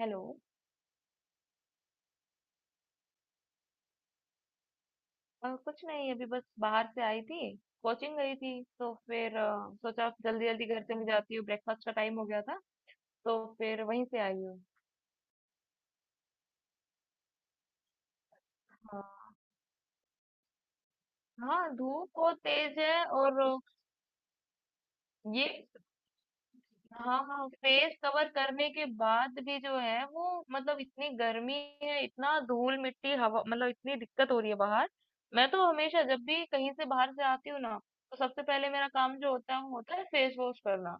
Hello. कुछ नहीं अभी बस बाहर से आई थी। कोचिंग गई थी तो फिर सोचा जल्दी जल्दी घर चली जाती हूँ, ब्रेकफास्ट का टाइम हो गया था। तो फिर वहीं से आई हूँ। हाँ, हाँ धूप बहुत तेज है। और ये, हाँ हाँ, फेस कवर करने के बाद भी जो है वो मतलब इतनी गर्मी है, इतना धूल मिट्टी हवा, मतलब इतनी दिक्कत हो रही है बाहर। मैं तो हमेशा जब भी कहीं से बाहर से आती हूँ ना, तो सबसे पहले मेरा काम जो होता है वो होता है फेस वॉश करना।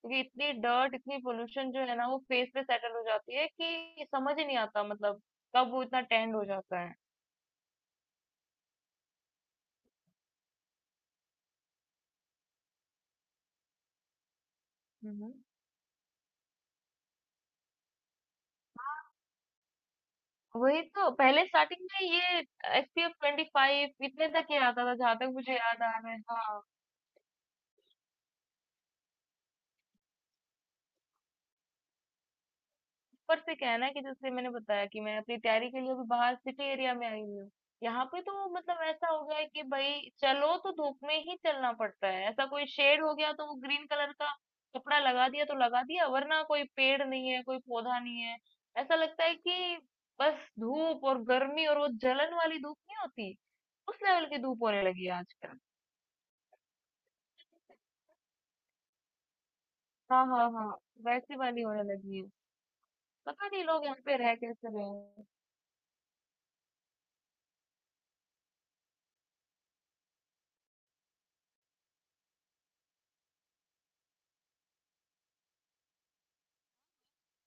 क्योंकि इतनी डर्ट इतनी पोल्यूशन जो है ना, वो फेस पे सेटल हो जाती है कि समझ ही नहीं आता, मतलब कब वो इतना टैंड हो जाता है। हम्म, वही तो। पहले स्टार्टिंग में ये एसपीएफ ट्वेंटी फाइव इतने तक ही आता था, जहां तक मुझे याद आ रहा है। हाँ, ऊपर से क्या है ना कि जैसे मैंने बताया कि मैं अपनी तैयारी के लिए अभी बाहर सिटी एरिया में आई हुई हूँ। यहाँ पे तो मतलब ऐसा हो गया है कि भाई चलो तो धूप में ही चलना पड़ता है। ऐसा कोई शेड हो गया तो वो ग्रीन कलर का कपड़ा लगा दिया तो लगा दिया, वरना कोई पेड़ नहीं है, कोई पौधा नहीं है। ऐसा लगता है कि बस धूप और गर्मी, और वो जलन वाली धूप नहीं होती, उस लेवल की धूप होने लगी है आजकल। हाँ हाँ हाँ, वैसी वाली होने लगी है। पता नहीं लोग यहाँ पे रह कैसे रहे हैं।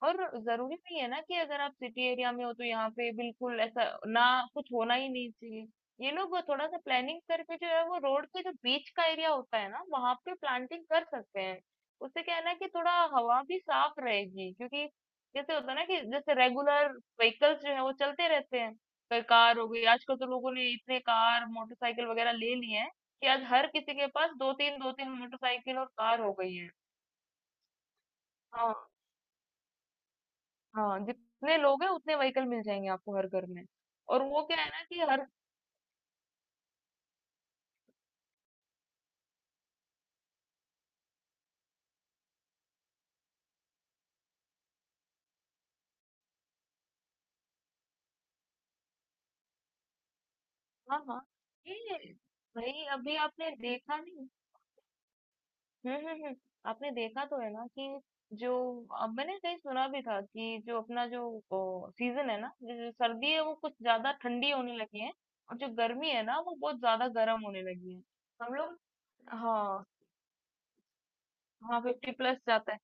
और ज़रूरी नहीं है ना कि अगर आप सिटी एरिया में हो तो यहाँ पे बिल्कुल ऐसा ना कुछ होना ही नहीं चाहिए। ये लोग वो थोड़ा सा प्लानिंग करके जो है वो रोड के जो बीच का एरिया होता है ना, वहाँ पे प्लांटिंग कर सकते हैं। उससे क्या है ना कि थोड़ा हवा भी साफ रहेगी। क्योंकि जैसे होता है ना कि जैसे रेगुलर व्हीकल्स जो है वो चलते रहते हैं। कोई कार हो गई, आजकल तो लोगों ने इतने कार, मोटरसाइकिल वगैरह ले लिए हैं कि आज हर किसी के पास 2-3 2-3 मोटरसाइकिल और कार हो गई है। हाँ। हाँ, जितने लोग हैं उतने व्हीकल मिल जाएंगे आपको हर घर में। और वो क्या है ना कि हर, हाँ हाँ, ये, भाई अभी आपने देखा नहीं। हम्म, आपने देखा तो है ना कि जो, अब मैंने कहीं सुना भी था कि जो अपना जो सीजन है ना, जो जो सर्दी है वो कुछ ज्यादा ठंडी होने लगी है, और जो गर्मी है ना वो बहुत ज्यादा गर्म होने लगी है। हम लोग, हाँ हाँ फिफ्टी प्लस जाता है।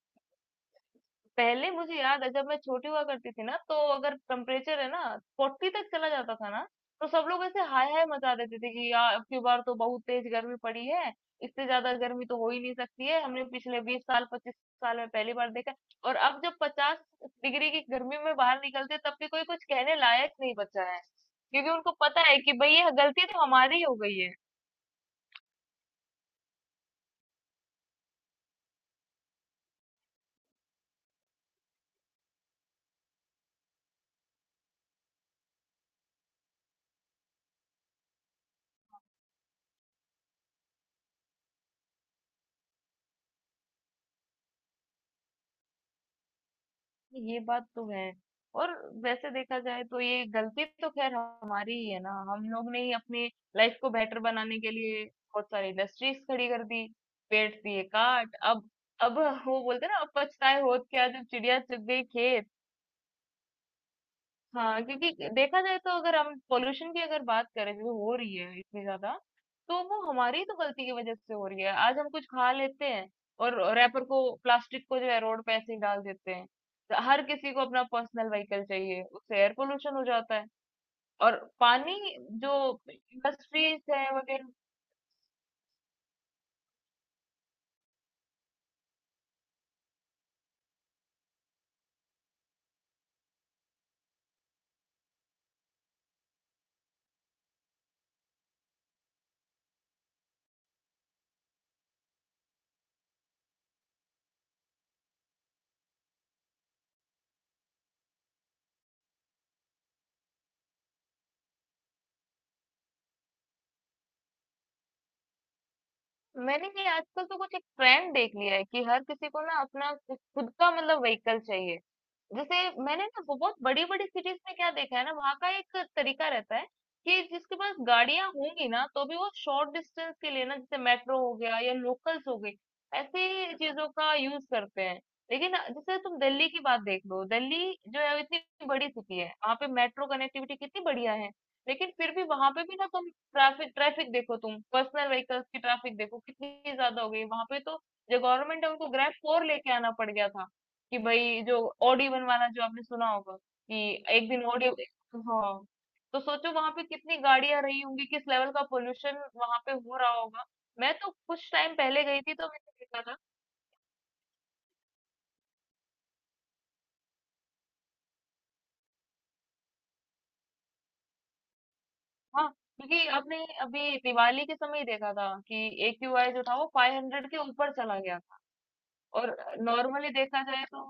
पहले मुझे याद है जब मैं छोटी हुआ करती थी ना, तो अगर टेम्परेचर है ना फोर्टी तक चला जाता था ना, तो सब लोग ऐसे हाय हाय मचा देते थे कि यार अब की बार तो बहुत तेज गर्मी पड़ी है, इससे ज्यादा गर्मी तो हो ही नहीं सकती है, हमने पिछले बीस साल पच्चीस साल में पहली बार देखा। और अब जब पचास डिग्री की गर्मी में बाहर निकलते तब भी कोई कुछ कहने लायक नहीं बचा है, क्योंकि उनको पता है कि भाई ये गलती तो हमारी हो गई है। ये बात तो है। और वैसे देखा जाए तो ये गलती तो खैर हमारी ही है ना, हम लोग ने ही अपनी लाइफ को बेटर बनाने के लिए बहुत सारी इंडस्ट्रीज खड़ी कर दी, पेड़ दिए काट। अब वो बोलते हैं ना, अब पछताए होत क्या जब चिड़िया चुग गई खेत। हाँ, क्योंकि देखा जाए तो अगर हम पॉल्यूशन की अगर बात करें जो हो रही है इतनी ज्यादा, तो वो हमारी ही तो गलती की वजह से हो रही है। आज हम कुछ खा लेते हैं और रैपर को प्लास्टिक को जो है रोड पे ऐसे ही डाल देते हैं। तो हर किसी को अपना पर्सनल व्हीकल चाहिए, उससे एयर पोल्यूशन हो जाता है। और पानी, जो इंडस्ट्रीज है वगैरह। मैंने ये आजकल तो कुछ एक ट्रेंड देख लिया है कि हर किसी को ना अपना कुछ खुद का मतलब व्हीकल चाहिए। जैसे मैंने ना बहुत बड़ी बड़ी सिटीज में क्या देखा है ना, वहाँ का एक तरीका रहता है कि जिसके पास गाड़ियां होंगी ना तो भी वो शॉर्ट डिस्टेंस के लिए ना, जैसे मेट्रो हो गया या लोकल्स हो गई, ऐसी चीजों का यूज करते हैं। लेकिन जैसे तुम दिल्ली की बात देख लो, दिल्ली जो है वो इतनी बड़ी सिटी है, वहाँ पे मेट्रो कनेक्टिविटी कितनी बढ़िया है। लेकिन फिर भी वहां पे भी ना तुम ट्रैफिक ट्रैफिक देखो, तुम पर्सनल व्हीकल्स की ट्रैफिक देखो कितनी ज्यादा हो गई वहां पे, तो जो गवर्नमेंट है उनको ग्रैब फोर लेके आना पड़ गया था कि भाई जो ओडी वन वाला, जो आपने सुना होगा कि एक दिन ओडी। हाँ, तो सोचो वहां पे कितनी गाड़ियां रही होंगी, किस लेवल का पोल्यूशन वहां पे हो रहा होगा। मैं तो कुछ टाइम पहले गई थी तो मैंने देखा था। हाँ, क्योंकि आपने अभी दिवाली के समय ही देखा था कि एक्यूआई जो था वो फाइव हंड्रेड के ऊपर चला गया था। और नॉर्मली देखा जाए तो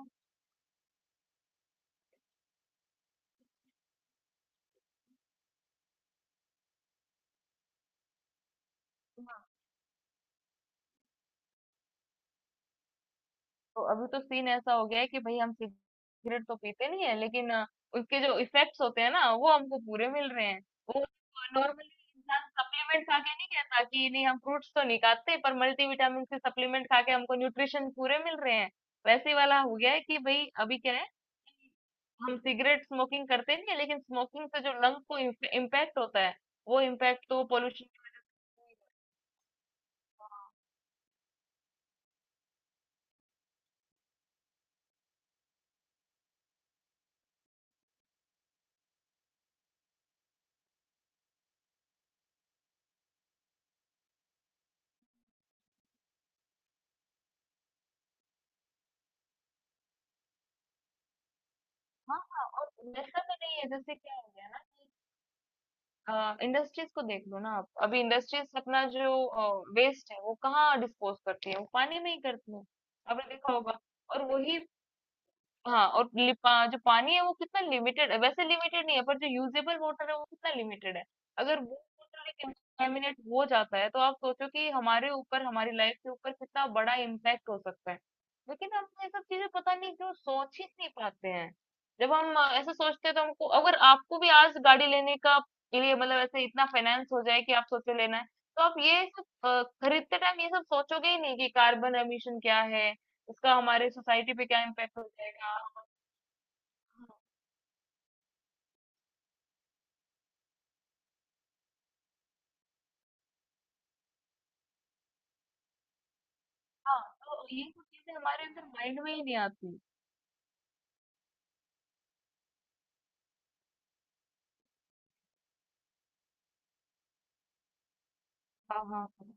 तो अभी तो सीन ऐसा हो गया है कि भाई हम सिगरेट तो पीते नहीं है, लेकिन उसके जो इफेक्ट्स होते हैं ना वो हमको पूरे मिल रहे हैं। वो नॉर्मली इंसान सप्लीमेंट खा के नहीं कहता कि नहीं हम फ्रूट्स तो नहीं खाते पर मल्टीविटामिन से सप्लीमेंट खा के हमको न्यूट्रिशन पूरे मिल रहे हैं। वैसे वाला हो गया है कि भाई अभी क्या है, हम सिगरेट स्मोकिंग करते नहीं है लेकिन स्मोकिंग से जो लंग को इम्पैक्ट होता है, वो इम्पैक्ट तो पोल्यूशन की वजह से। हाँ हाँ, और वैसा तो नहीं है, जैसे क्या हो गया ना, इंडस्ट्रीज को देख लो ना आप, अभी इंडस्ट्रीज अपना जो वेस्ट है वो कहाँ डिस्पोज करती है, वो पानी में ही करती है। आपने देखा होगा। और वही, हाँ और लि- पा, जो पानी है वो कितना लिमिटेड है, वैसे लिमिटेड नहीं है पर जो यूजेबल वाटर है वो कितना लिमिटेड है। अगर वो वाटर कंटामिनेट हो जाता है तो आप सोचो कि हमारे ऊपर, हमारी लाइफ के ऊपर कितना बड़ा इम्पैक्ट हो सकता है। लेकिन हम ये सब चीजें पता नहीं क्यों सोच ही नहीं पाते हैं। जब हम ऐसा सोचते हैं तो हमको, अगर आपको भी आज गाड़ी लेने का के लिए मतलब ऐसे इतना फाइनेंस हो जाए कि आप सोचो लेना है, तो आप ये सब खरीदते टाइम ये सब सोचोगे ही नहीं कि कार्बन एमिशन क्या है, उसका हमारे सोसाइटी पे क्या इम्पैक्ट हो जाएगा। हाँ, हाँ, तो ये सब चीजें हमारे अंदर माइंड में ही नहीं आती। हाँ हाँ हाँ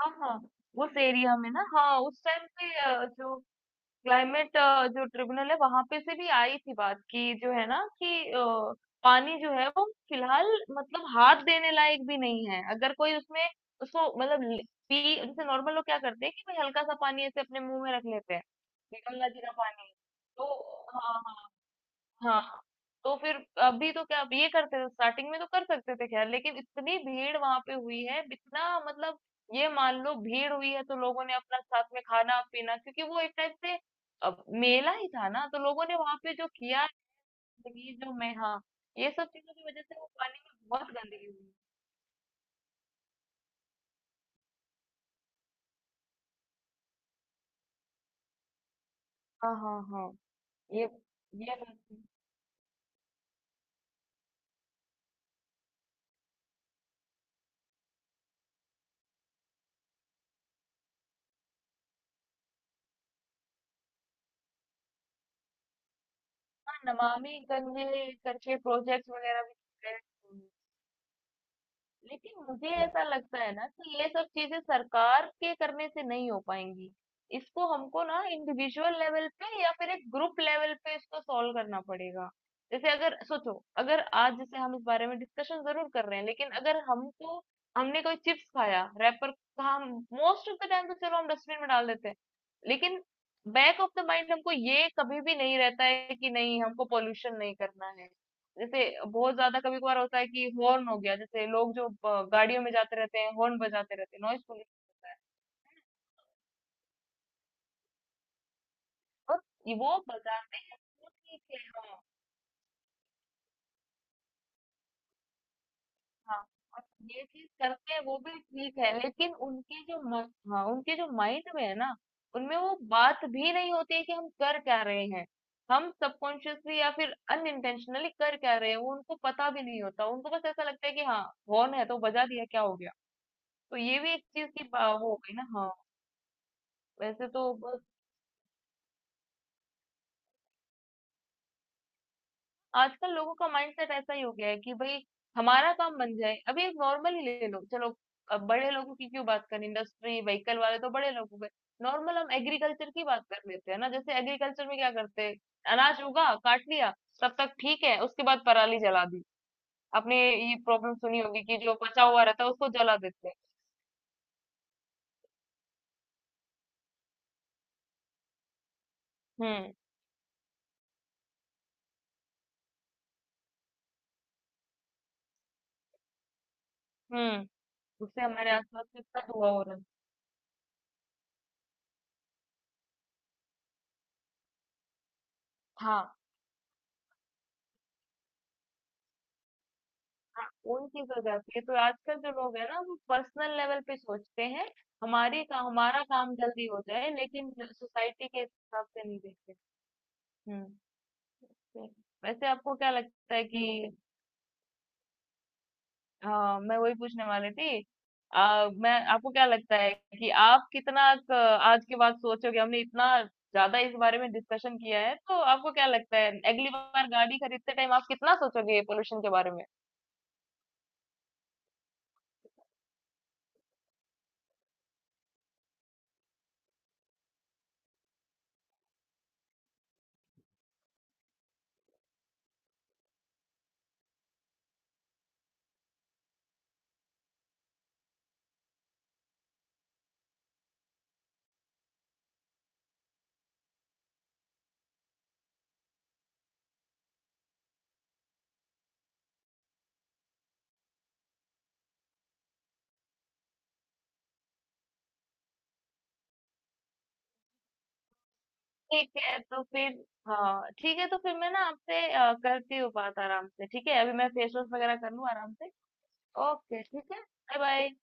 हाँ, हाँ, उस एरिया में ना, हाँ उस टाइम पे जो क्लाइमेट जो ट्रिब्यूनल है वहां पे से भी आई थी बात कि जो है ना कि पानी जो है वो फिलहाल मतलब हाथ देने लायक भी नहीं है, अगर कोई उसमें उसको मतलब ले- पी, जैसे नॉर्मल लोग क्या करते हैं कि भाई हल्का सा पानी ऐसे अपने मुंह में रख लेते हैं कि गंगा जी का पानी। तो हाँ हाँ हाँ, तो फिर अभी तो क्या, अब ये करते थे स्टार्टिंग में तो कर सकते थे खैर, लेकिन इतनी भीड़ वहां पे हुई है, इतना मतलब, ये मान लो भीड़ हुई है तो लोगों ने अपना साथ में खाना पीना, क्योंकि वो एक टाइप से अब मेला ही था ना, तो लोगों ने वहां पे जो किया है, गंदगी जो, मैं हाँ, ये सब चीजों की वजह से वो पानी में बहुत गंदगी हुई। हाँ हाँ हाँ, ये ये बात है। हाँ, नमामि गंगे करके प्रोजेक्ट वगैरह भी चल रहे हैं। लेकिन मुझे ऐसा लगता है ना कि ये सब चीजें सरकार के करने से नहीं हो पाएंगी। इसको हमको ना इंडिविजुअल लेवल पे या फिर एक ग्रुप लेवल पे इसको सॉल्व करना पड़ेगा। जैसे अगर सोचो, अगर आज जैसे हम इस बारे में डिस्कशन जरूर कर रहे हैं, लेकिन अगर हमको, हमने कोई चिप्स खाया रैपर, हम मोस्ट ऑफ द टाइम तो चलो हम डस्टबिन में डाल देते हैं, लेकिन बैक ऑफ द माइंड हमको ये कभी भी नहीं रहता है कि नहीं हमको पोल्यूशन नहीं करना है। जैसे बहुत ज्यादा कभी कभार होता है कि हॉर्न हो गया, जैसे लोग जो ब- गाड़ियों में जाते रहते हैं हॉर्न बजाते रहते हैं, नॉइस पोल्यूशन होता है। और ये वो बजाते हैं वो ठीक है, हाँ हाँ, और ये चीज करते हैं वो भी ठीक है, लेकिन उनके जो मन, हाँ उनके जो माइंड में है ना, उनमें वो बात भी नहीं होती है कि हम कर क्या रहे हैं। हम सबकॉन्शियसली या फिर अनइंटेंशनली कर क्या रहे हैं, वो उनको पता भी नहीं होता, उनको बस ऐसा लगता है कि हाँ, हॉर्न है तो बजा दिया क्या हो गया। तो ये भी एक चीज की बा- वो हो गई ना। हाँ, वैसे तो बस आजकल लोगों का माइंडसेट ऐसा ही हो गया है कि भाई हमारा काम बन जाए। अभी एक नॉर्मल ही ले लो चलो, अब बड़े लोगों की क्यों बात करें, इंडस्ट्री व्हीकल वाले तो बड़े लोग हो गए, नॉर्मल हम एग्रीकल्चर की बात कर लेते हैं ना, जैसे एग्रीकल्चर में क्या करते हैं, अनाज उगा काट लिया, तब तक ठीक है, उसके बाद पराली जला दी। आपने ये प्रॉब्लम सुनी होगी कि जो बचा हुआ रहता है उसको जला देते हैं। हम्म हम्म, उससे हमारे आसपास कितना धुआं हो रहा है। हाँ, हाँ, उन चीज़ हो जाती है तो आजकल जो लोग हैं ना वो पर्सनल लेवल पे सोचते हैं, हमारे का हमारा काम जल्दी हो जाए, लेकिन सोसाइटी के हिसाब से नहीं देखते। हम्म, तो वैसे आपको क्या लगता है कि, हाँ मैं वही पूछने वाली थी, आ, मैं आपको क्या लगता है कि आप कितना क- आज के बाद सोचोगे, हमने इतना ज्यादा इस बारे में डिस्कशन किया है, तो आपको क्या लगता है अगली बार गाड़ी खरीदते टाइम आप कितना सोचोगे पोल्यूशन के बारे में। ठीक है तो फिर, हाँ ठीक है तो फिर मैं ना आपसे करती हूँ बात आराम से, ठीक है? अभी मैं फेस वॉश वगैरह कर लूँ आराम से। ओके ठीक है। Bye bye.